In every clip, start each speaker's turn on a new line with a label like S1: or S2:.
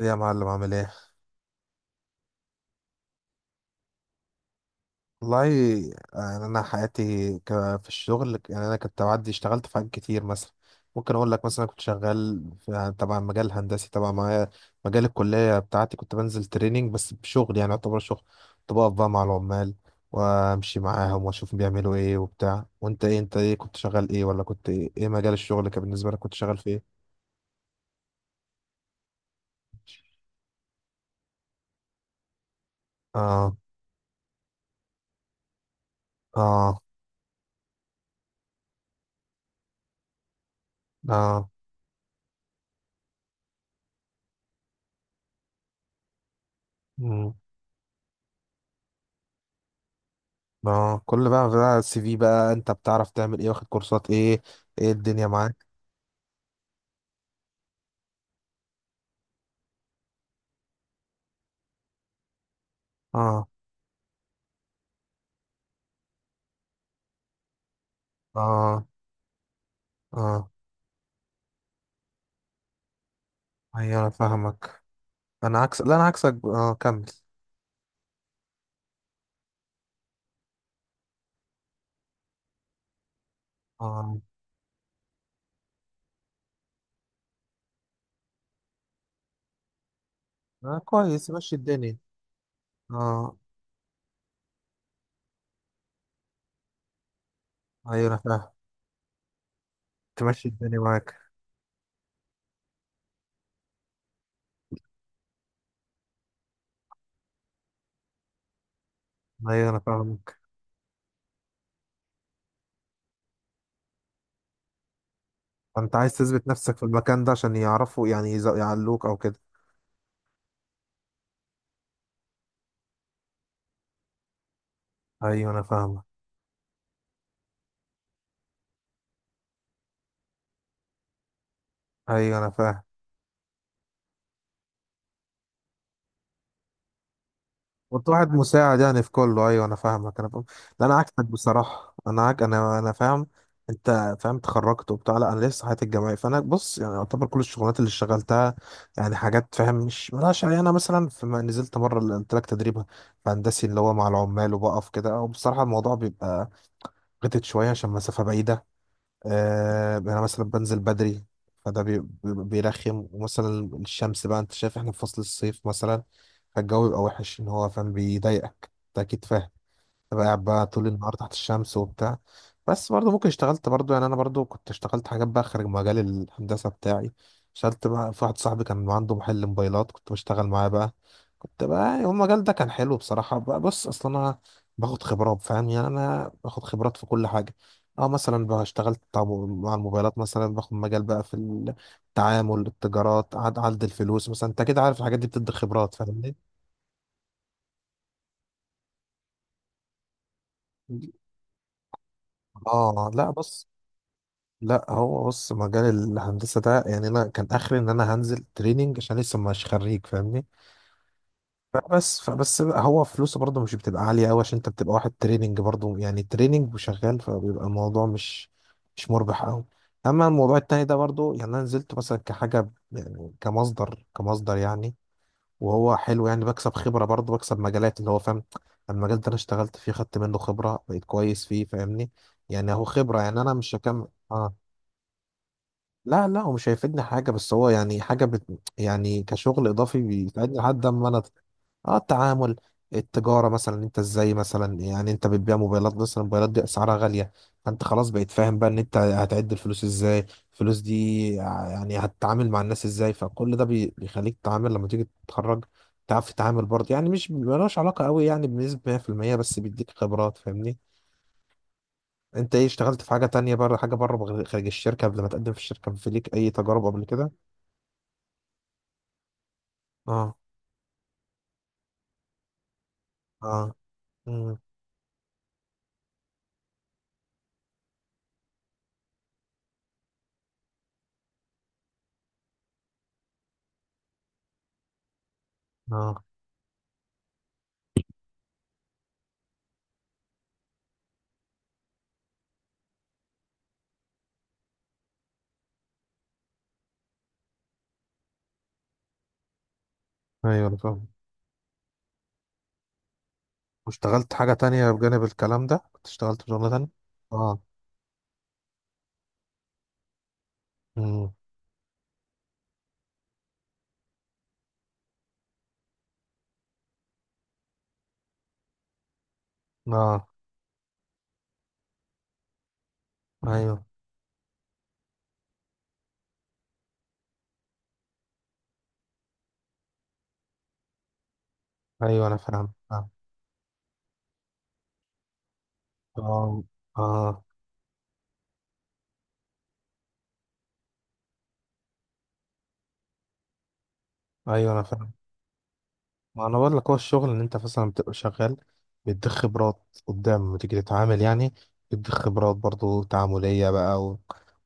S1: إيه يا معلم عامل ايه؟ والله يعني انا حياتي في الشغل. يعني انا كنت بعدي اشتغلت في حاجات كتير. مثلا ممكن اقول لك، مثلا كنت شغال في، يعني تبع مجال هندسي تبع معايا، مجال الكليه بتاعتي. كنت بنزل تريننج، بس بشغل يعني يعتبر شغل. كنت بقف بقى مع العمال وامشي معاهم واشوف بيعملوا ايه وبتاع. وانت ايه؟ انت ايه كنت شغال ايه، ولا كنت ايه، إيه مجال الشغل كان بالنسبه لك؟ كنت شغال في ايه؟ اه، اه، اه، مم. اه، كل بقى السي في، بقى انت بتعرف تعمل ايه، واخد كورسات ايه، ايه الدنيا معاك؟ اه، اه، اه، ايوه انا فاهمك. انا عكس، لا انا عكسك اه، كمل. اه، آه، كويس، ماشي الدنيا. اه، ايوه انا فاهم. تمشي الدنيا معاك. ايوه انا فاهمك. انت عايز تثبت نفسك في المكان ده عشان يعرفوا، يعني يعلوك او كده. ايوه انا فاهمك. ايوه انا فاهم. كنت واحد مساعد يعني في كله. ايوه انا فاهمك، انا فاهم. لا انا عكسك بصراحه، انا انا فاهم. انت فاهم، اتخرجت وبتاع. لا انا لسه حياتي الجامعيه، فانا بص، يعني يعتبر كل الشغلات اللي اشتغلتها يعني حاجات، فاهم، مش ملهاش يعني. انا مثلا فيما نزلت مره اللي قلت لك، تدريب هندسي اللي هو مع العمال وبقف كده، وبصراحه الموضوع بيبقى غتت شويه عشان مسافه بعيده. آه، يعني انا مثلا بنزل بدري، فده بيرخم. ومثلا الشمس بقى، انت شايف احنا في فصل الصيف مثلا، فالجو بيبقى وحش، ان هو فاهم، بيضايقك، انت اكيد فاهم. تبقى قاعد بقى طول النهار تحت الشمس وبتاع. بس برضه ممكن اشتغلت برضه، يعني انا برضه كنت اشتغلت حاجات بقى خارج مجال الهندسه بتاعي. اشتغلت بقى في، واحد صاحبي كان عنده محل موبايلات، كنت بشتغل معاه بقى. كنت بقى يعني المجال ده كان حلو بصراحه بقى. بص اصلا انا باخد خبرات، فاهم، يعني انا باخد خبرات في كل حاجه. اه، مثلا بقى اشتغلت بتاع مع الموبايلات، مثلا باخد مجال بقى في التعامل، التجارات، عد الفلوس مثلا، انت كده عارف الحاجات دي بتدي خبرات، فاهمني. اه، لا بص، لا هو بص مجال الهندسة ده يعني أنا كان آخري إن أنا هنزل تريننج عشان لسه مش خريج، فاهمني. فبس بقى هو فلوسه برضه مش بتبقى عالية أوي، عشان أنت بتبقى واحد تريننج برضه، يعني تريننج وشغال، فبيبقى الموضوع مش مربح أوي. أما الموضوع التاني ده برضه يعني أنا نزلت مثلا كحاجة، يعني كمصدر، يعني. وهو حلو، يعني بكسب خبرة برضه، بكسب مجالات اللي هو فاهم. المجال ده أنا اشتغلت فيه، خدت منه خبرة، بقيت كويس فيه، فاهمني. يعني هو خبرة، يعني أنا مش هكمل. آه. لا لا هو مش هيفيدني حاجة، بس هو يعني حاجة يعني كشغل إضافي بيساعدني لحد أما أنا. آه، التعامل، التجارة مثلا، أنت إزاي مثلا، يعني أنت بتبيع موبايلات مثلا، الموبايلات دي أسعارها غالية، فأنت خلاص بقيت فاهم بقى إن أنت هتعد الفلوس إزاي، الفلوس دي يعني هتتعامل مع الناس إزاي. فكل ده بيخليك تتعامل لما تيجي تتخرج، تعرف تتعامل برضه، يعني مش ملوش علاقة قوي يعني بنسبة 100%، بس بيديك خبرات، فاهمني. أنت إيه، اشتغلت في حاجة تانية بره، حاجة بره خارج الشركة قبل ما تقدم في الشركة؟ في ليك أي تجارب قبل كده؟ اه، اه، مم. اه، ايوه انا فاهم. واشتغلت حاجة تانية بجانب الكلام ده؟ كنت اشتغلت في شغلة تانية؟ اه، مم. اه، ايوه، ايوه انا فاهم، فاهم. اه، اه، ايوه انا فاهم. ما انا بقول لك، هو الشغل ان انت مثلا بتبقى شغال، بيديك خبرات قدام لما تيجي تتعامل يعني، بيديك خبرات برضو تعاملية بقى، و...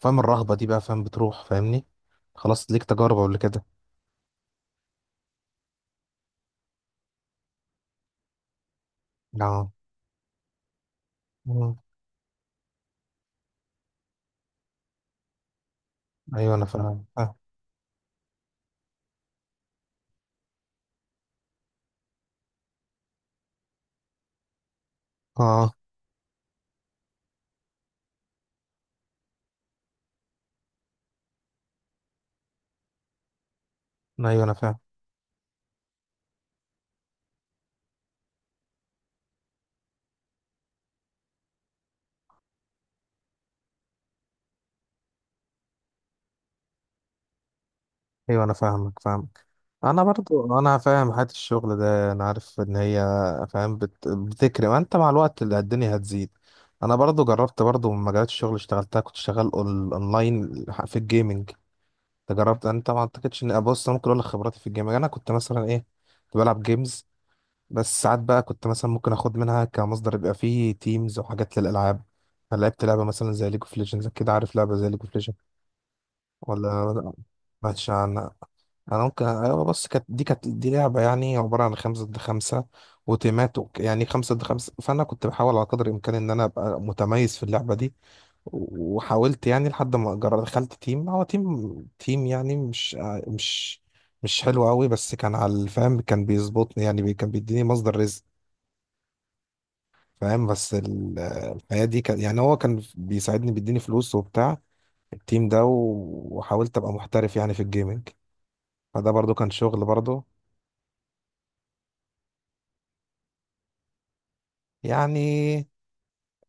S1: فاهم الرهبة دي بقى، فاهم بتروح، فاهمني. خلاص، ليك تجارب قبل كده. اه، مم. ايوه انا فاهم، اه. آه. ايوه انا فاهم. ايوه انا فاهمك، فاهم. انا برضو انا فاهم حياة الشغل ده، انا عارف ان هي، فاهم، بتكرم، ما انت مع الوقت اللي الدنيا هتزيد. انا برضو جربت برضو من مجالات الشغل اللي اشتغلتها، كنت شغال اونلاين في الجيمنج. انت جربت؟ انت ما اعتقدش ان، بص انا ممكن اقول لك خبراتي في الجيمنج. انا كنت مثلا ايه، كنت بلعب جيمز، بس ساعات بقى كنت مثلا ممكن اخد منها كمصدر، يبقى فيه تيمز وحاجات للالعاب. فلعبت لعبة مثلا زي ليج اوف ليجندز. كده عارف لعبة زي ليج اوف ليجندز، ولا ما سمعتش عنها؟ انا ممكن، ايوه، بس كانت دي، كانت دي لعبه يعني عباره عن خمسة ضد خمسة وتيمات يعني خمسة ضد خمسة. فانا كنت بحاول على قدر الامكان ان انا ابقى متميز في اللعبه دي. وحاولت يعني لحد ما دخلت تيم، هو تيم، يعني مش مش مش حلو قوي، بس كان على الفهم، كان بيظبطني يعني، كان بيديني مصدر رزق، فاهم. بس الحياه دي كان يعني، هو كان بيساعدني، بيديني فلوس وبتاع التيم ده. وحاولت ابقى محترف يعني في الجيمنج، فده برضو كان شغل برضو. يعني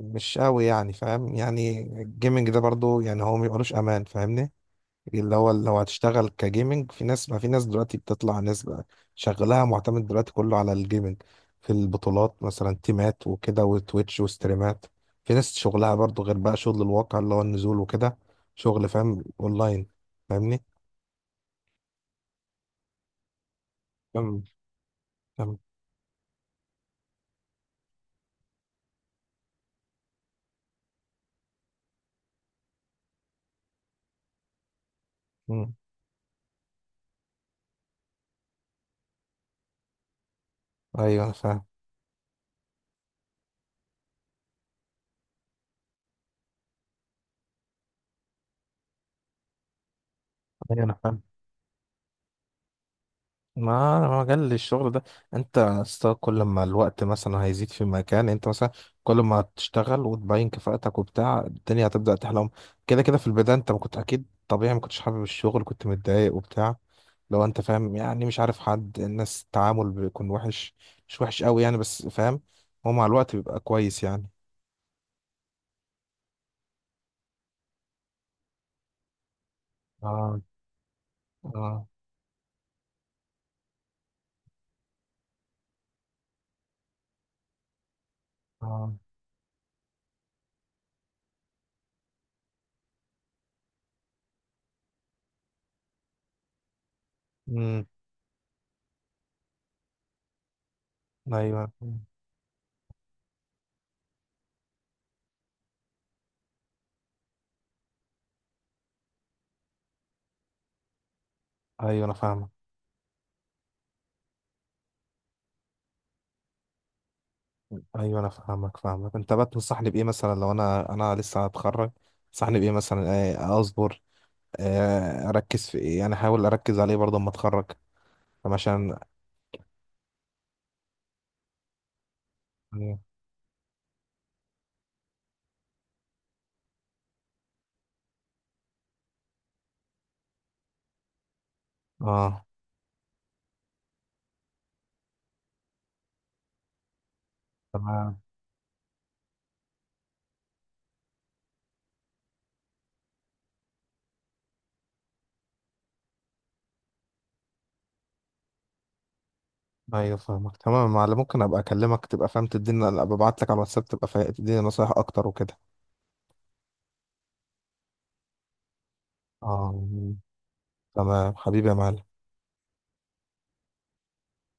S1: مش قوي يعني، فاهم، يعني الجيمنج ده برضو يعني هو ميبقالوش امان، فاهمني. اللي هو هتشتغل كجيمنج، في ناس ما، في ناس دلوقتي بتطلع، ناس بقى شغلها معتمد دلوقتي كله على الجيمنج، في البطولات مثلا، تيمات وكده، وتويتش وستريمات. في ناس شغلها برضو غير بقى، شغل الواقع اللي هو النزول وكده، شغل، فاهم، اونلاين، فاهمني. كم، كم، مم. ايوه أنا فاهم. ايوه انا فاهم. ما جال الشغل ده، انت يا اسطى كل ما الوقت مثلا هيزيد في مكان، انت مثلا كل ما تشتغل وتبين كفاءتك وبتاع، الدنيا هتبدأ تحلم كده كده. في البداية انت ما كنت، اكيد طبيعي، ما كنتش حابب الشغل، كنت متضايق وبتاع. لو انت فاهم يعني، مش عارف حد، الناس التعامل بيكون وحش، مش وحش قوي يعني، بس فاهم، هو مع الوقت بيبقى كويس يعني. اه، اه، اه، امم، ايوه، ايوه انا فاهمك. ايوه انا فاهمك، فاهمك. انت بقى تنصحني بايه مثلا لو انا، انا لسه هتخرج، تنصحني بايه مثلا؟ آه، اصبر؟ آه، اركز في ايه يعني؟ احاول اركز عليه برضه اما اتخرج؟ طب عشان، اه، تمام. ايوه فاهمك، تمام. معلم، ممكن ابقى اكلمك، تبقى فاهم تديني، ابقى ابعت لك على الواتساب، تبقى تديني نصايح اكتر وكده. اه، تمام حبيبي يا معلم.